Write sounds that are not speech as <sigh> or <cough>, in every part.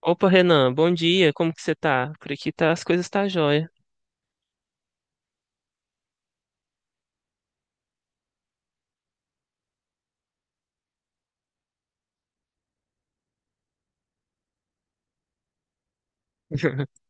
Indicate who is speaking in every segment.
Speaker 1: Opa, Renan, bom dia, como que você tá? Por aqui tá, as coisas tá jóia. <laughs>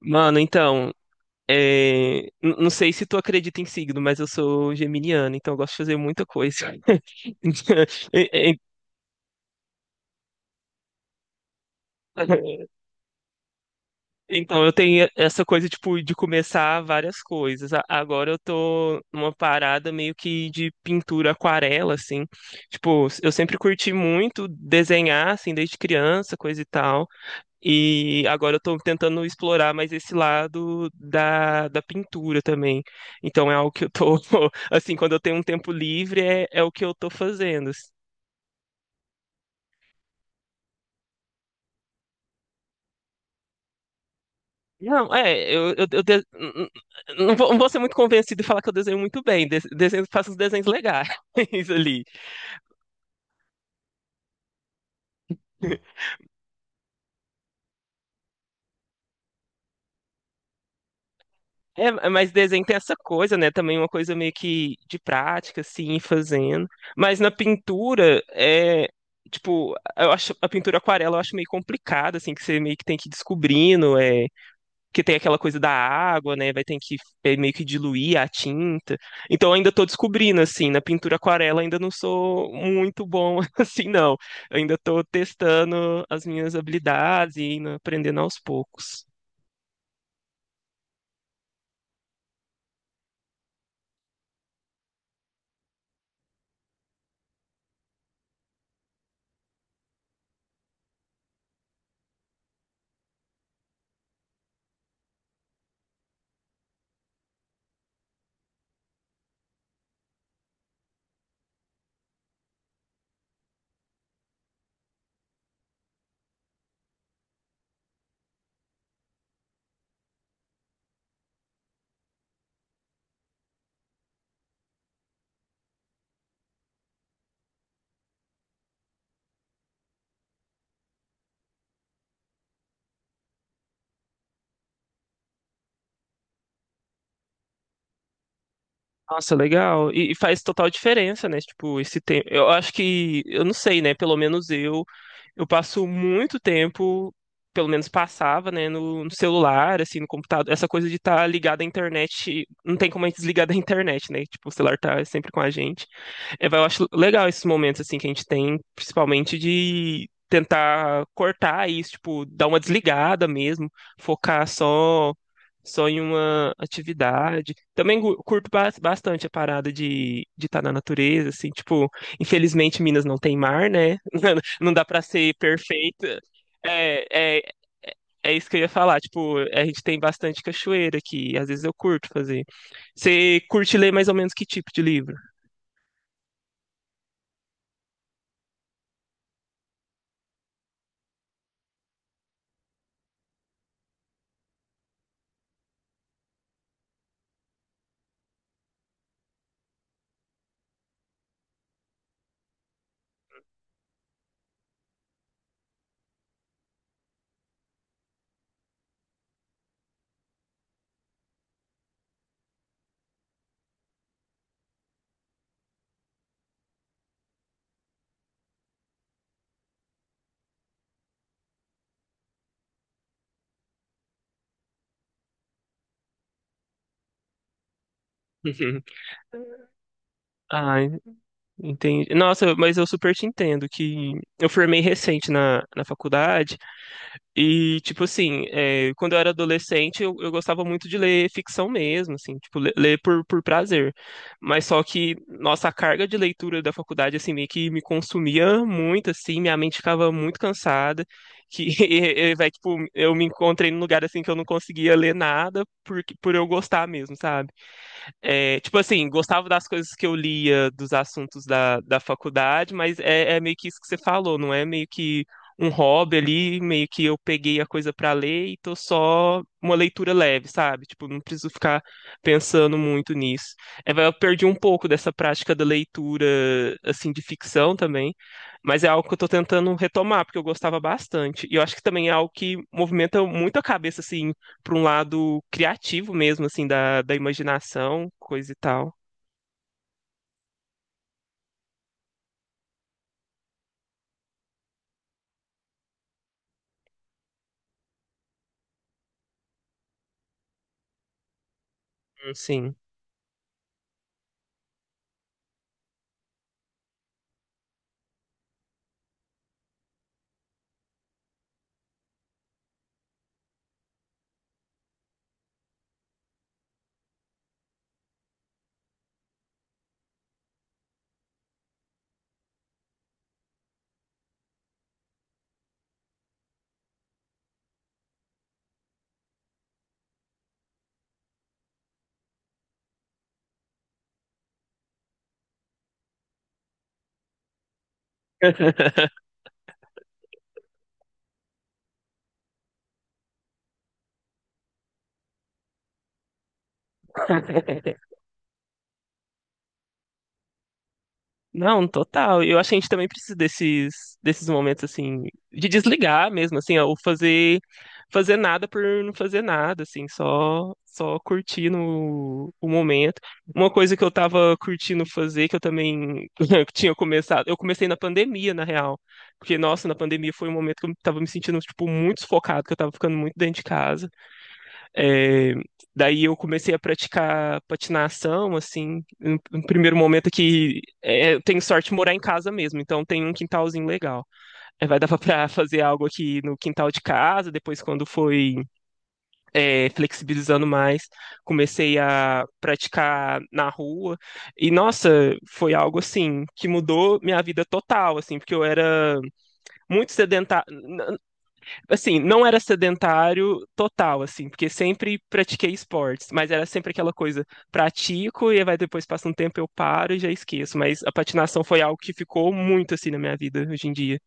Speaker 1: Mano, então, não sei se tu acredita em signo, mas eu sou geminiano, então eu gosto de fazer muita coisa. <laughs> E- e- Então, eu tenho essa coisa, tipo, de começar várias coisas. Agora eu tô numa parada meio que de pintura aquarela, assim. Tipo, eu sempre curti muito desenhar, assim, desde criança, coisa e tal. E agora eu estou tentando explorar mais esse lado da pintura também. Então é algo que eu tô, <laughs> assim, quando eu tenho um tempo livre, é o que eu tô fazendo. Não, eu não vou ser muito convencido e falar que eu desenho muito bem. Desenho, faço uns desenhos legais <laughs> ali. É, mas desenho tem essa coisa, né? Também uma coisa meio que de prática, assim, ir fazendo. Mas na pintura. Tipo, eu acho a pintura aquarela eu acho meio complicada, assim, que você meio que tem que ir descobrindo, que tem aquela coisa da água, né? Vai ter que meio que diluir a tinta. Então eu ainda tô descobrindo, assim, na pintura aquarela ainda não sou muito bom, <laughs> assim, não. Eu ainda tô testando as minhas habilidades e indo aprendendo aos poucos. Nossa, legal. E faz total diferença, né? Tipo, esse tempo. Eu acho que, eu não sei, né? Pelo menos eu. Eu passo muito tempo, pelo menos passava, né, no, celular, assim, no computador. Essa coisa de estar ligado à internet, não tem como a gente desligar da internet, né? Tipo, o celular tá sempre com a gente. Eu acho legal esses momentos, assim, que a gente tem, principalmente de tentar cortar isso, tipo, dar uma desligada mesmo, focar só em uma atividade. Também curto bastante a parada de estar na natureza, assim, tipo, infelizmente Minas não tem mar, né? <laughs> Não dá pra ser perfeita. É, é, é isso que eu ia falar. Tipo, a gente tem bastante cachoeira aqui. Às vezes eu curto fazer. Você curte ler mais ou menos que tipo de livro? <laughs> Uhum. Ah, entendi. Nossa, mas eu super te entendo que eu formei recente na, faculdade. E, tipo assim, quando eu era adolescente, eu gostava muito de ler ficção mesmo, assim, tipo, ler por prazer. Mas só que, nossa, a carga de leitura da faculdade, assim, meio que me consumia muito, assim, minha mente ficava muito cansada, que, <laughs> tipo, eu me encontrei num lugar, assim, que eu não conseguia ler nada por eu gostar mesmo, sabe? É, tipo assim, gostava das coisas que eu lia dos assuntos da faculdade, mas é meio que isso que você falou, não é meio que um hobby ali, meio que eu peguei a coisa pra ler e tô só uma leitura leve, sabe? Tipo, não preciso ficar pensando muito nisso. Eu perdi um pouco dessa prática da leitura, assim, de ficção também, mas é algo que eu tô tentando retomar, porque eu gostava bastante. E eu acho que também é algo que movimenta muito a cabeça, assim, para um lado criativo mesmo, assim, da, imaginação, coisa e tal. Sim. <laughs> Não, total. Eu acho que a gente também precisa desses, momentos assim de desligar mesmo, assim, ó, ou fazer nada por não fazer nada, assim, só curtir no, o momento. Uma coisa que eu tava curtindo fazer, que eu também <laughs> tinha começado, eu comecei na pandemia, na real, porque, nossa, na pandemia foi um momento que eu tava me sentindo, tipo, muito sufocado, que eu tava ficando muito dentro de casa. É, daí eu comecei a praticar patinação, assim, no primeiro momento, eu tenho sorte de morar em casa mesmo, então tem um quintalzinho legal. É, vai dar para fazer algo aqui no quintal de casa, depois quando foi flexibilizando mais, comecei a praticar na rua, e nossa, foi algo assim, que mudou minha vida total, assim, porque eu era muito sedentário, assim, não era sedentário total, assim, porque sempre pratiquei esportes, mas era sempre aquela coisa, pratico e vai depois passa um tempo eu paro e já esqueço, mas a patinação foi algo que ficou muito assim na minha vida hoje em dia.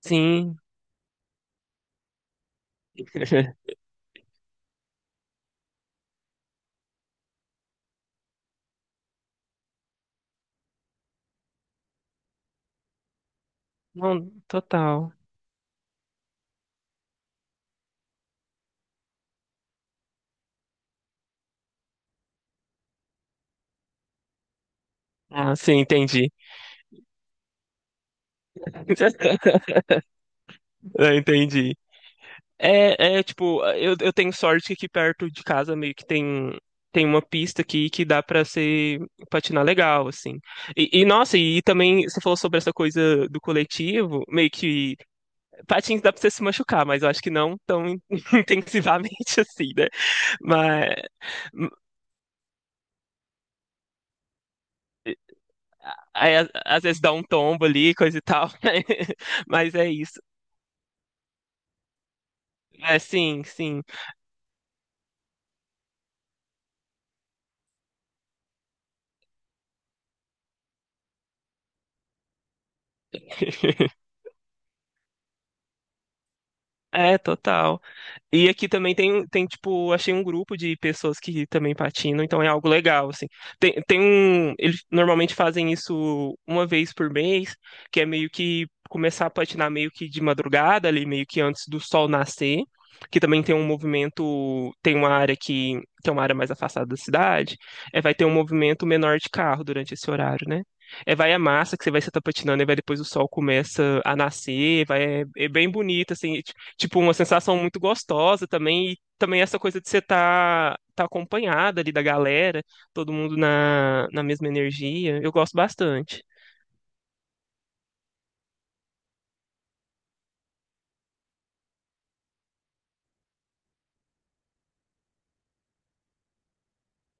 Speaker 1: Sim, <laughs> não, total. Ah, sim, entendi. <laughs> Eu entendi. É, tipo, eu tenho sorte que aqui perto de casa meio que tem, uma pista aqui que dá pra ser patinar legal, assim. E, nossa, e também você falou sobre essa coisa do coletivo, meio que patins dá pra você se machucar, mas eu acho que não tão <laughs> intensivamente assim, né? Mas aí, às vezes dá um tombo ali, coisa e tal. <laughs> Mas é isso. É, sim, sim. <laughs> É, total. E aqui também tem, tipo, achei um grupo de pessoas que também patinam, então é algo legal, assim. Tem um. Eles normalmente fazem isso uma vez por mês, que é meio que começar a patinar meio que de madrugada, ali, meio que antes do sol nascer, que também tem um movimento, tem uma área que é uma área mais afastada da cidade, vai ter um movimento menor de carro durante esse horário, né? É, vai a massa que você vai estar patinando, e vai depois o sol começa a nascer, é bem bonito, assim, tipo, uma sensação muito gostosa também, e também essa coisa de você tá, acompanhada ali da galera, todo mundo na mesma energia, eu gosto bastante.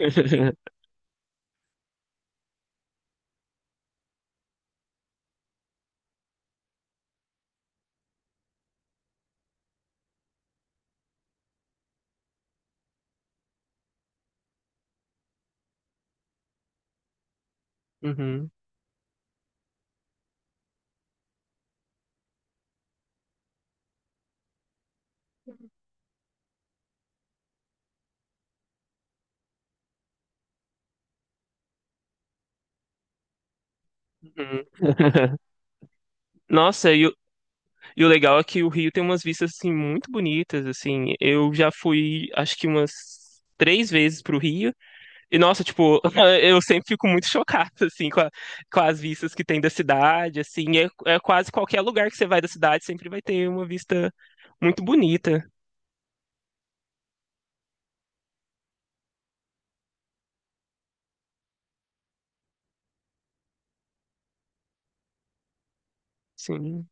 Speaker 1: <laughs> Uhum, uhum. <laughs> Nossa, e o legal é que o Rio tem umas vistas, assim, muito bonitas, assim, eu já fui, acho que umas três vezes pro Rio. E nossa, tipo, <laughs> eu sempre fico muito chocado, assim, com as vistas que tem da cidade, assim, é quase qualquer lugar que você vai da cidade sempre vai ter uma vista muito bonita, sim.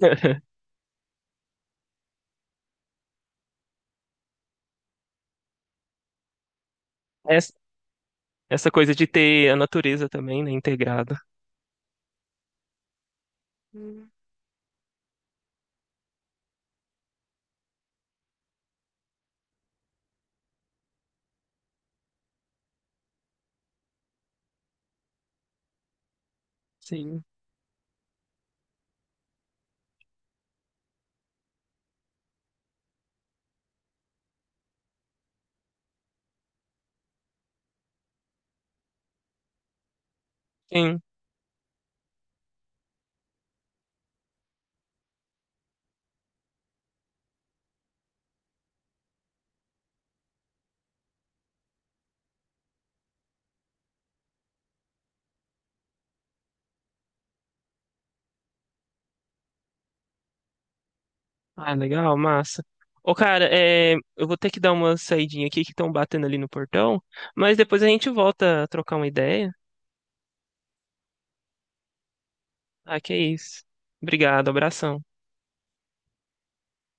Speaker 1: <laughs> Essa, essa, coisa de ter a natureza também, né, integrada. Hum. Sim, sim. Ah, legal, massa. Ô, cara, eu vou ter que dar uma saidinha aqui que estão batendo ali no portão, mas depois a gente volta a trocar uma ideia. Ah, que é isso. Obrigado, abração.